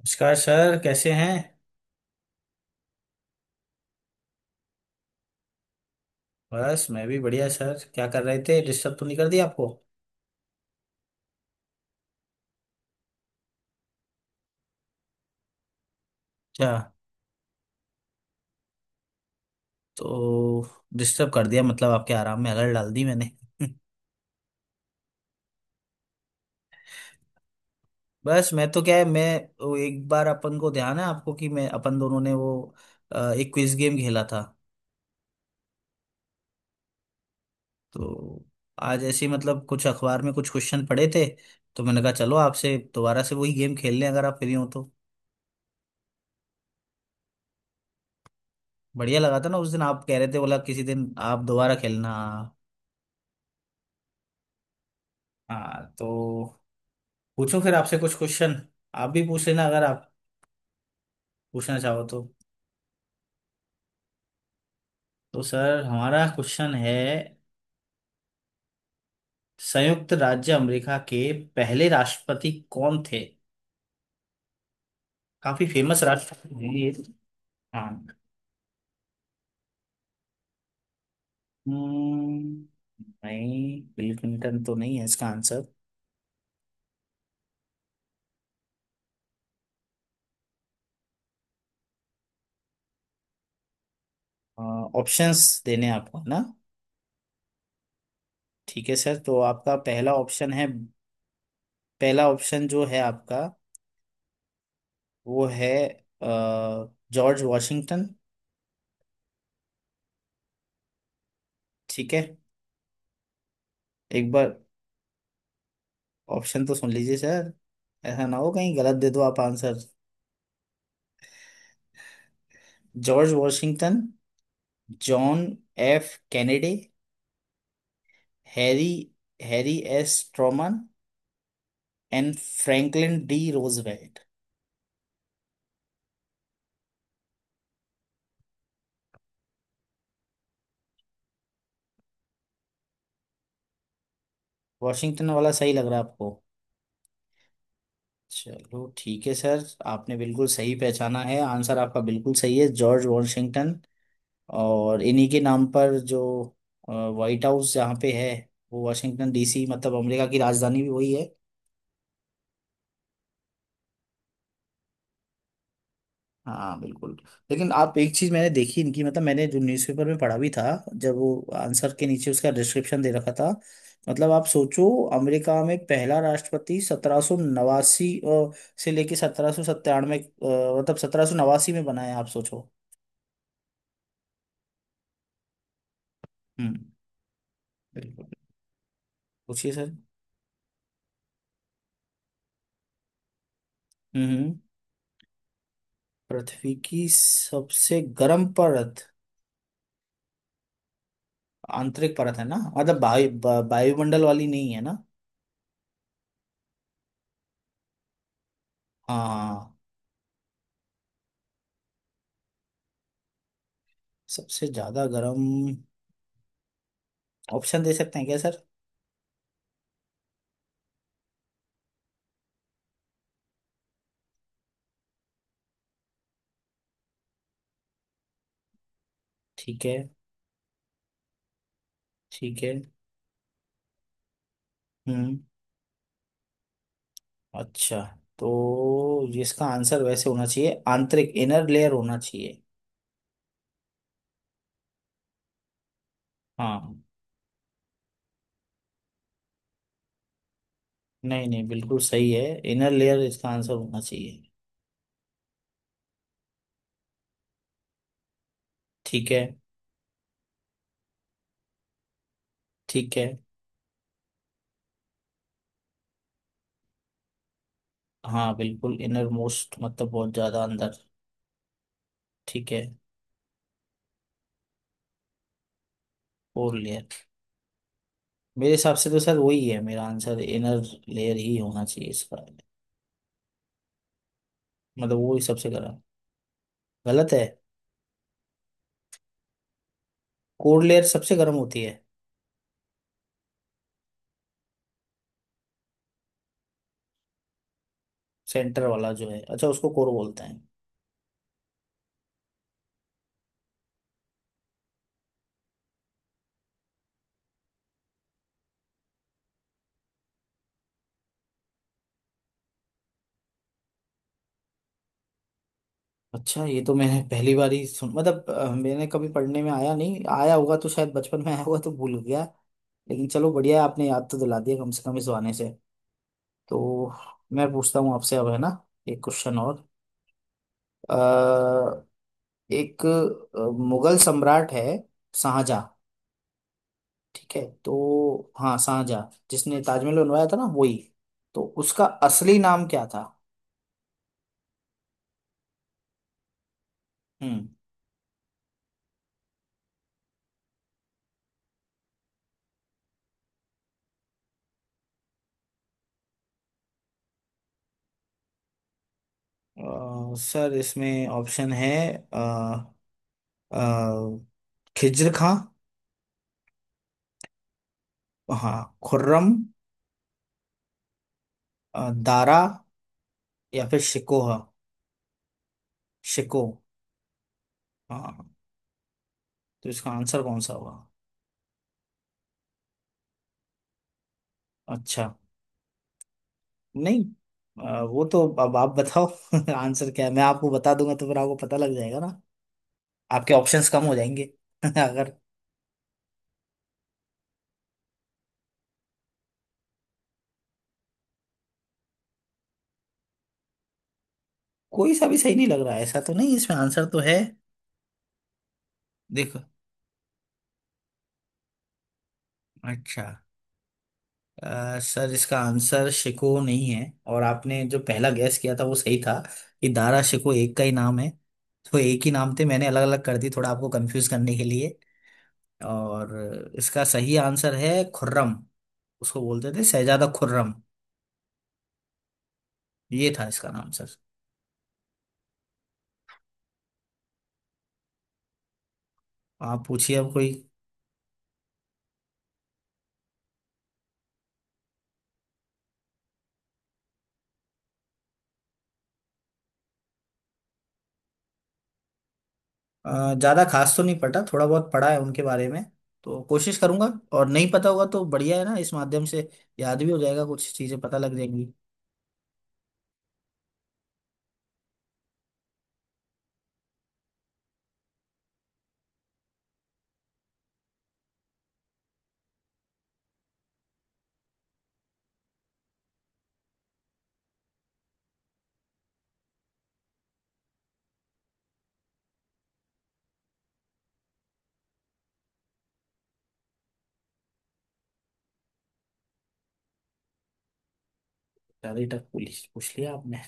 नमस्कार सर कैसे हैं। बस मैं भी बढ़िया सर क्या कर रहे थे डिस्टर्ब तो नहीं कर दिया आपको। अच्छा। तो डिस्टर्ब कर दिया मतलब आपके आराम में अलर्ट डाल दी मैंने। बस मैं तो क्या है मैं वो एक बार अपन को ध्यान है आपको कि मैं अपन दोनों ने वो एक क्विज गेम खेला था। तो आज ऐसे ही मतलब कुछ अखबार में कुछ क्वेश्चन पड़े थे। तो मैंने कहा चलो आपसे दोबारा से वही गेम खेल लें अगर आप फ्री हो तो। बढ़िया लगा था ना उस दिन आप कह रहे थे बोला किसी दिन आप दोबारा खेलना। हाँ तो पूछो फिर आपसे कुछ क्वेश्चन। आप भी पूछ लेना अगर आप पूछना चाहो तो। तो सर हमारा क्वेश्चन है संयुक्त राज्य अमेरिका के पहले राष्ट्रपति कौन थे। काफी फेमस राष्ट्रपति हैं ये। हाँ। हम्म, नहीं बिल क्लिंटन तो नहीं है इसका आंसर। ऑप्शंस देने आपको है ना। ठीक है सर तो आपका पहला ऑप्शन है। पहला ऑप्शन जो है आपका वो है अ, जॉर्ज वॉशिंगटन। ठीक है एक बार ऑप्शन तो सुन लीजिए सर। ऐसा ना हो कहीं गलत दे दो आप answer. George Washington, John F Kennedy, Harry Harry S Truman and Franklin D Roosevelt. Washington वाला सही लग रहा है आपको। चलो ठीक है सर। आपने बिल्कुल सही पहचाना है आंसर आपका बिल्कुल सही है जॉर्ज वॉशिंगटन। और इन्हीं के नाम पर जो व्हाइट हाउस जहाँ पे है वो वॉशिंगटन डीसी मतलब अमेरिका की राजधानी भी वही है। हाँ बिल्कुल। लेकिन आप एक चीज मैंने देखी इनकी, मतलब मैंने जो न्यूज़पेपर में पढ़ा भी था, जब वो आंसर के नीचे उसका डिस्क्रिप्शन दे रखा था। मतलब आप सोचो, अमेरिका में पहला राष्ट्रपति 1789 से लेके 1797, मतलब 1789 में बना है, आप सोचो। हम्म, बिल्कुल। पूछिए सर। हम्म हम्म। पृथ्वी की सबसे गर्म परत आंतरिक परत है ना, मतलब वायु वायुमंडल वाली नहीं है ना। हाँ, सबसे ज्यादा गर्म। ऑप्शन दे सकते हैं क्या। ठीक है। ठीक है। हम्म। अच्छा, तो इसका आंसर वैसे होना चाहिए आंतरिक, इनर लेयर होना चाहिए। हाँ। नहीं नहीं, बिल्कुल सही है। इनर लेयर इसका आंसर होना चाहिए। ठीक है। ठीक है। हाँ बिल्कुल, इनर मोस्ट मतलब बहुत ज्यादा अंदर। ठीक है। Core layer. मेरे हिसाब से तो सर वही है, मेरा आंसर इनर लेयर ही होना चाहिए इसका। मतलब वो ही सबसे गर्म। गलत है। कोर लेयर सबसे गर्म होती है। सेंटर वाला जो है, अच्छा, उसको कोर बोलते हैं। अच्छा, ये तो मैंने पहली बार ही सुन, मतलब मैंने कभी पढ़ने में आया नहीं, आया होगा तो शायद बचपन में आया होगा तो भूल गया। लेकिन चलो बढ़िया है, आपने याद तो दिला दिया कम से कम इस बहाने से। तो मैं पूछता हूँ आपसे अब, है ना, एक क्वेश्चन और। अ, एक मुगल सम्राट है शाहजहां। ठीक है तो, हाँ, शाहजहां, जिसने ताजमहल बनवाया था ना, वही। तो उसका असली नाम क्या था। हम्म। सर इसमें ऑप्शन है आ, खिज्र खां। हाँ, खुर्रम। दारा, या फिर शिकोह, शिको। हाँ। तो इसका आंसर कौन सा होगा। अच्छा। नहीं, वो तो अब आप बताओ। आंसर क्या है मैं आपको बता दूंगा तो फिर आपको पता लग जाएगा ना। आपके ऑप्शंस कम हो जाएंगे अगर। कोई सा भी सही नहीं लग रहा है, ऐसा तो नहीं, इसमें आंसर तो है। देखो। अच्छा। सर इसका आंसर शिको नहीं है, और आपने जो पहला गैस किया था वो सही था, कि दारा शिको एक का ही नाम है। तो एक ही नाम थे, मैंने अलग अलग कर दी थोड़ा आपको कंफ्यूज करने के लिए। और इसका सही आंसर है खुर्रम। उसको बोलते थे शहजादा खुर्रम। ये था इसका नाम सर। आप पूछिए अब कोई। ज्यादा खास तो नहीं पटा, थोड़ा बहुत पढ़ा है उनके बारे में, तो कोशिश करूंगा। और नहीं पता होगा तो बढ़िया है ना, इस माध्यम से याद भी हो जाएगा, कुछ चीजें पता लग जाएंगी। सारी टफ पूछ पूछ लिया आपने।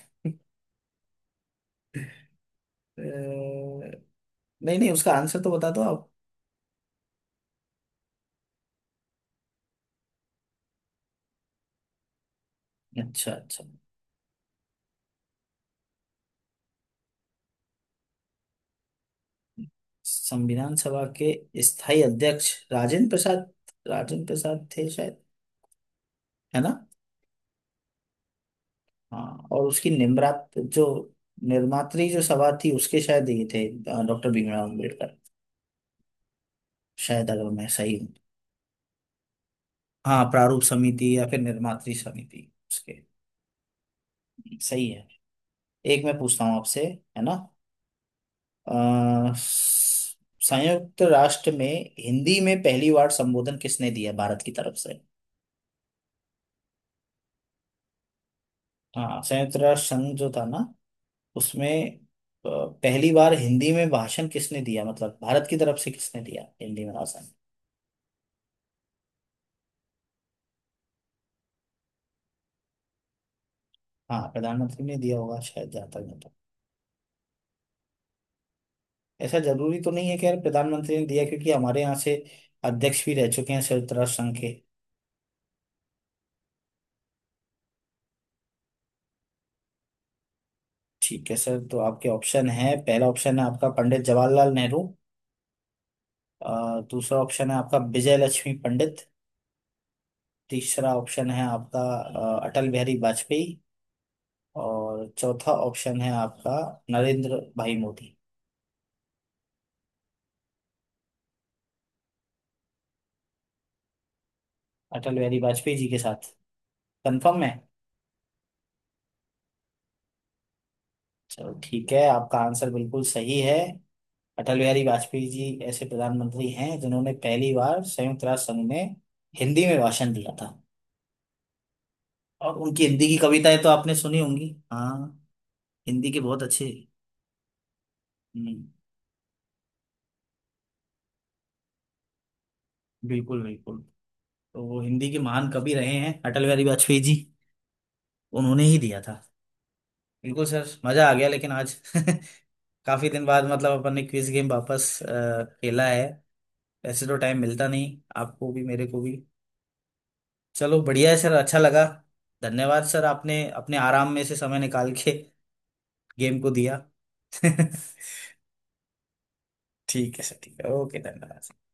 नहीं। नहीं, उसका आंसर तो बता दो आप। अच्छा, अच्छा। संविधान सभा के स्थायी अध्यक्ष राजेंद्र प्रसाद। राजेंद्र प्रसाद थे शायद, है ना। हाँ, और उसकी निर्मात्री जो सभा थी उसके शायद ये थे डॉक्टर भीमराव अम्बेडकर, शायद, अगर मैं सही हूँ। हाँ, प्रारूप समिति या फिर निर्मात्री समिति उसके। सही है। एक मैं पूछता हूँ आपसे, है ना, अ, संयुक्त राष्ट्र में हिंदी में पहली बार संबोधन किसने दिया भारत की तरफ से। हाँ, संयुक्त राष्ट्र संघ जो था ना, उसमें अ, पहली बार हिंदी में भाषण किसने दिया, मतलब भारत की तरफ से किसने दिया हिंदी में भाषण। हाँ, प्रधानमंत्री ने दिया होगा शायद जहाँ तक, मैं तो, ऐसा जरूरी तो नहीं है कि यार प्रधानमंत्री ने दिया, क्योंकि हमारे यहाँ से अध्यक्ष भी रह चुके हैं संयुक्त राष्ट्र संघ के। ठीक है सर, तो आपके ऑप्शन है, पहला ऑप्शन है आपका पंडित जवाहरलाल नेहरू। दूसरा ऑप्शन है आपका विजय लक्ष्मी पंडित। तीसरा ऑप्शन है आपका अटल बिहारी वाजपेयी। और चौथा ऑप्शन है आपका नरेंद्र भाई मोदी। अटल बिहारी वाजपेयी जी के साथ। कंफर्म है। चलो ठीक है, आपका आंसर बिल्कुल सही है। अटल बिहारी वाजपेयी जी ऐसे प्रधानमंत्री हैं जिन्होंने पहली बार संयुक्त राष्ट्र संघ में हिंदी में भाषण दिया था। और उनकी हिंदी की कविताएं तो आपने सुनी होंगी, हाँ। हिंदी के बहुत अच्छे। हम्म, बिल्कुल बिल्कुल। तो वो हिंदी के महान कवि रहे हैं अटल बिहारी वाजपेयी जी, उन्होंने ही दिया था। बिल्कुल सर, मजा आ गया लेकिन आज। काफी दिन बाद मतलब अपन ने क्विज गेम वापस खेला है। ऐसे तो टाइम मिलता नहीं आपको भी, मेरे को भी। चलो बढ़िया है सर, अच्छा लगा। धन्यवाद सर, आपने अपने आराम में से समय निकाल के गेम को दिया। ठीक है सर, ठीक है, ओके, धन्यवाद।